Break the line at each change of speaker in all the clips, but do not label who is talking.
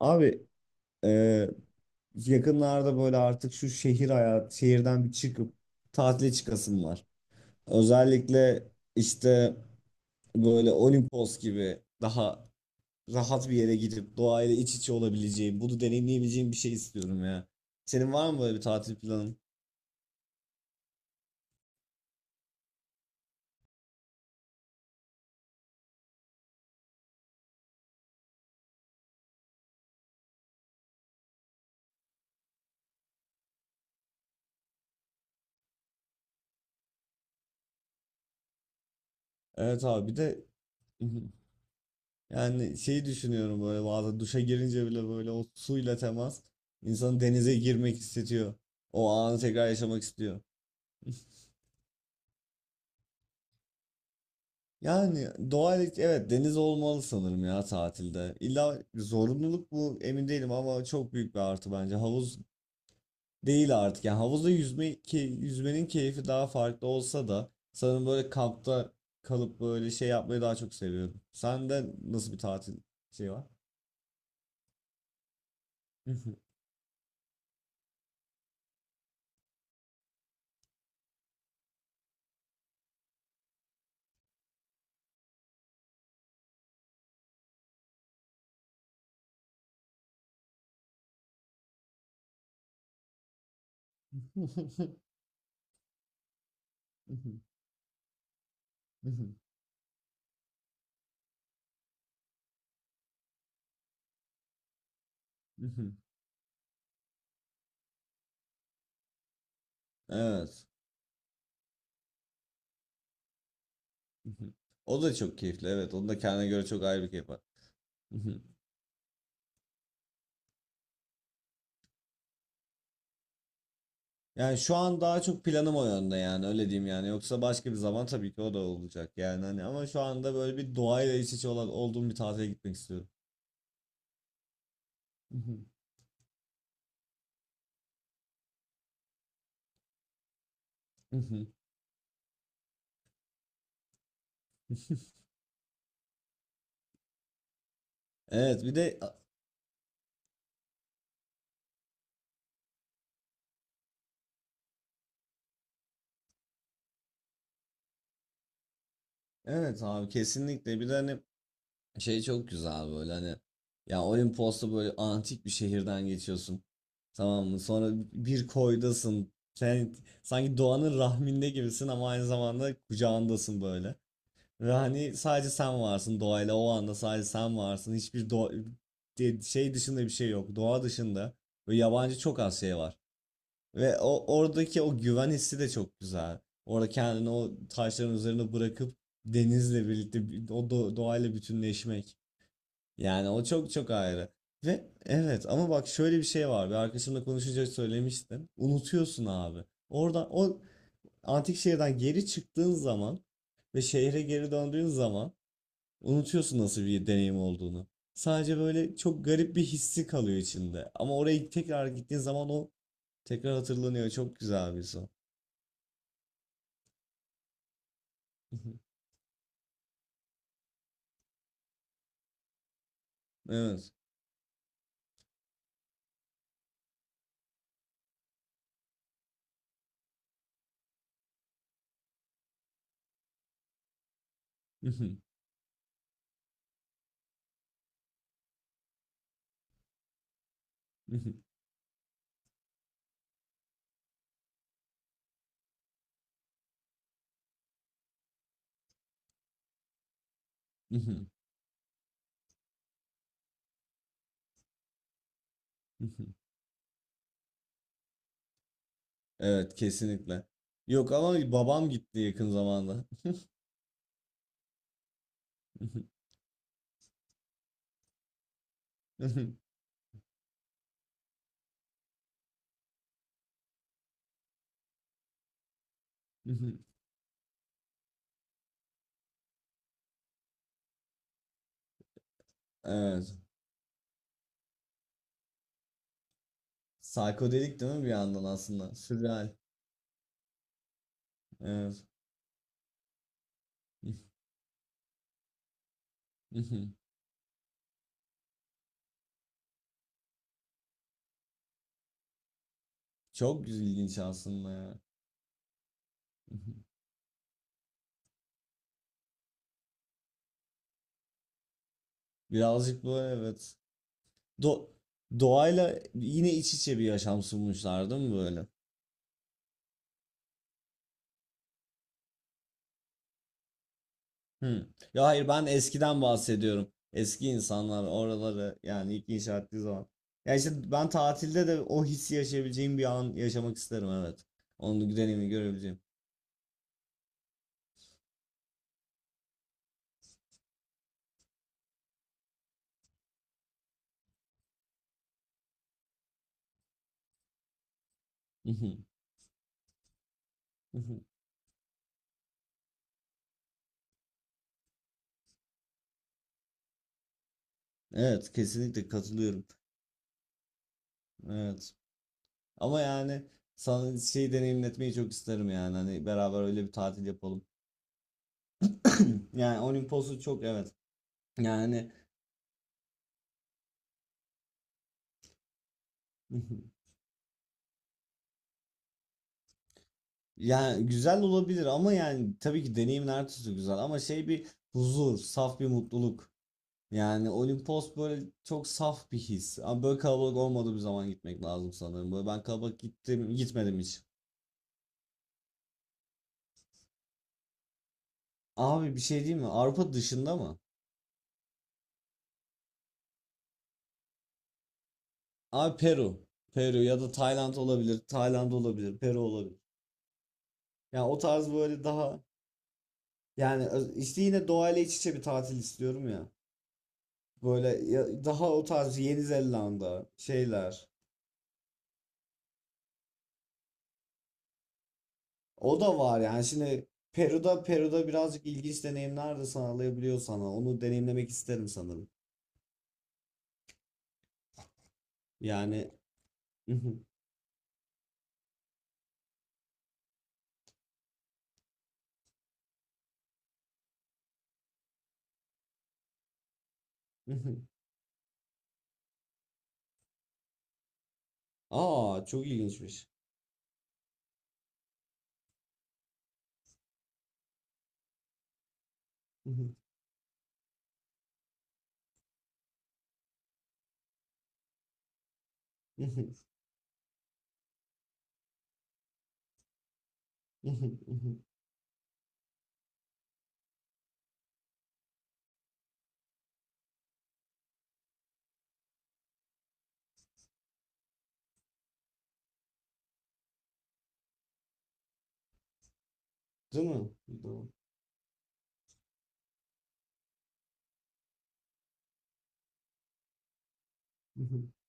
Abi, e, yakınlarda böyle artık şu şehirden bir çıkıp tatile çıkasım var. Özellikle işte böyle Olimpos gibi daha rahat bir yere gidip doğayla iç içe olabileceğim, bunu deneyimleyebileceğim bir şey istiyorum ya. Senin var mı böyle bir tatil planın? Evet abi, bir de yani şeyi düşünüyorum, böyle bazen duşa girince bile böyle o suyla temas insanı denize girmek hissediyor. O anı tekrar yaşamak istiyor. Yani evet, deniz olmalı sanırım ya tatilde. İlla zorunluluk mu emin değilim ama çok büyük bir artı bence. Havuz değil artık. Yani havuzda yüzme, ki yüzmenin keyfi daha farklı olsa da, sanırım böyle kampta kalıp böyle şey yapmayı daha çok seviyorum. Sende nasıl bir tatil şey var? Evet. O da çok keyifli. Evet. Onun da kendine göre çok ayrı bir keyfi var. Yani şu an daha çok planım o yönde yani, öyle diyeyim yani. Yoksa başka bir zaman tabii ki o da olacak yani hani, ama şu anda böyle bir doğayla iç içe olduğum bir tatile gitmek istiyorum. Evet bir de evet abi, kesinlikle. Bir de hani şey çok güzel böyle, hani ya Olimpos'ta böyle antik bir şehirden geçiyorsun, tamam mı? Sonra bir koydasın sen, sanki doğanın rahminde gibisin ama aynı zamanda kucağındasın böyle. Ve hani sadece sen varsın doğayla, o anda sadece sen varsın. Hiçbir şey dışında bir şey yok. Doğa dışında ve yabancı çok az şey var. Ve o oradaki o güven hissi de çok güzel. Orada kendini o taşların üzerine bırakıp denizle birlikte doğayla bütünleşmek. Yani o çok çok ayrı. Ve evet, ama bak şöyle bir şey var. Bir arkadaşımla konuşunca söylemiştim. Unutuyorsun abi. Oradan o antik şehirden geri çıktığın zaman ve şehre geri döndüğün zaman unutuyorsun nasıl bir deneyim olduğunu. Sadece böyle çok garip bir hissi kalıyor içinde. Ama oraya tekrar gittiğin zaman o tekrar hatırlanıyor. Çok güzel bir son. Evet. Evet, kesinlikle. Yok, ama babam gitti yakın zamanda. Evet. Psikodelik değil mi bir yandan aslında? Sürreal. Evet. Çok ilginç aslında ya. Birazcık böyle, evet. Do doğayla yine iç içe bir yaşam sunmuşlar değil mi böyle? Hı. Ya hayır, ben eskiden bahsediyorum. Eski insanlar oraları yani ilk inşa ettiği zaman. Ya işte ben tatilde de o hissi yaşayabileceğim bir an yaşamak isterim, evet. Onu deneyimi görebileceğim. Evet, kesinlikle katılıyorum. Evet. Ama yani sana şey deneyimletmeyi çok isterim yani, hani beraber öyle bir tatil yapalım. Yani Olimpos'u çok, evet. Yani Yani güzel olabilir ama, yani tabii ki deneyimin her türlüsü güzel ama şey, bir huzur, saf bir mutluluk. Yani Olimpos böyle çok saf bir his. Ama böyle kalabalık olmadığı bir zaman gitmek lazım sanırım. Böyle ben kalabalık gittim, gitmedim hiç. Abi bir şey diyeyim mi? Avrupa dışında mı? Abi, Peru. Peru ya da Tayland olabilir. Tayland olabilir. Peru olabilir. Yani o tarz böyle daha, yani işte yine doğayla iç içe bir tatil istiyorum ya. Böyle daha o tarz, Yeni Zelanda şeyler. O da var yani, şimdi Peru'da birazcık ilginç deneyimler de sağlayabiliyor sana. Onu deneyimlemek isterim sanırım. Yani Aa, çok ilginçmiş. Değil mi?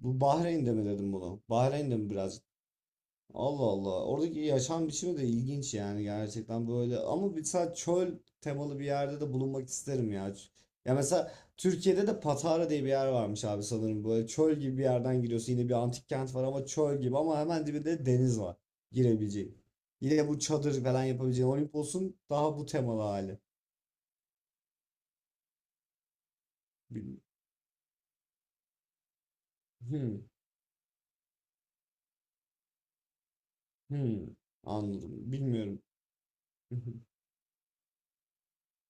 Bu Bahreyn'de mi dedim bunu? Bahreyn'de mi birazcık? Allah Allah. Oradaki yaşam biçimi de ilginç yani, gerçekten böyle. Ama mesela çöl temalı bir yerde de bulunmak isterim ya. Ya mesela Türkiye'de de Patara diye bir yer varmış abi, sanırım. Böyle çöl gibi bir yerden giriyorsun. Yine bir antik kent var ama çöl gibi, ama hemen dibinde deniz var girebileceğin. Yine bu çadır falan yapabileceğin. Olimpos'un daha bu temalı hali. Bil- Hmm, hmm. Anladım. Bilmiyorum.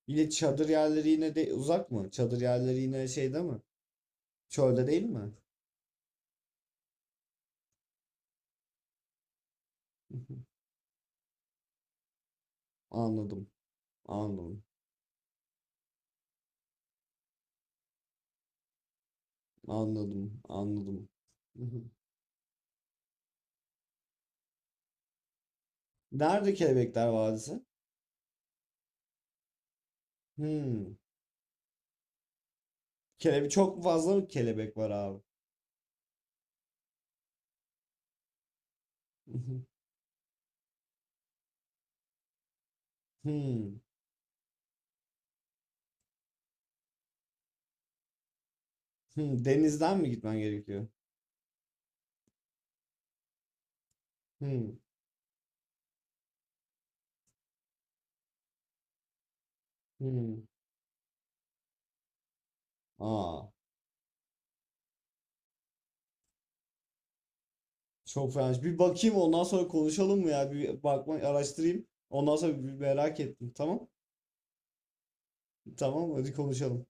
Yine çadır yerleri yine de uzak mı? Çadır yerleri yine şeyde mi? Çölde değil mi? Anladım. Anladım. Anladım. Anladım. Hı hı. Nerede Kelebekler Vadisi? Hmm. Çok fazla mı kelebek var abi. Hı hı. Hmm. Hmm. Denizden mi gitmen gerekiyor? Hmm. Hmm. Aa, çok fena. Bir bakayım, ondan sonra konuşalım mı ya? Bir bakma, araştırayım. Ondan sonra, bir merak ettim. Tamam. Tamam hadi konuşalım.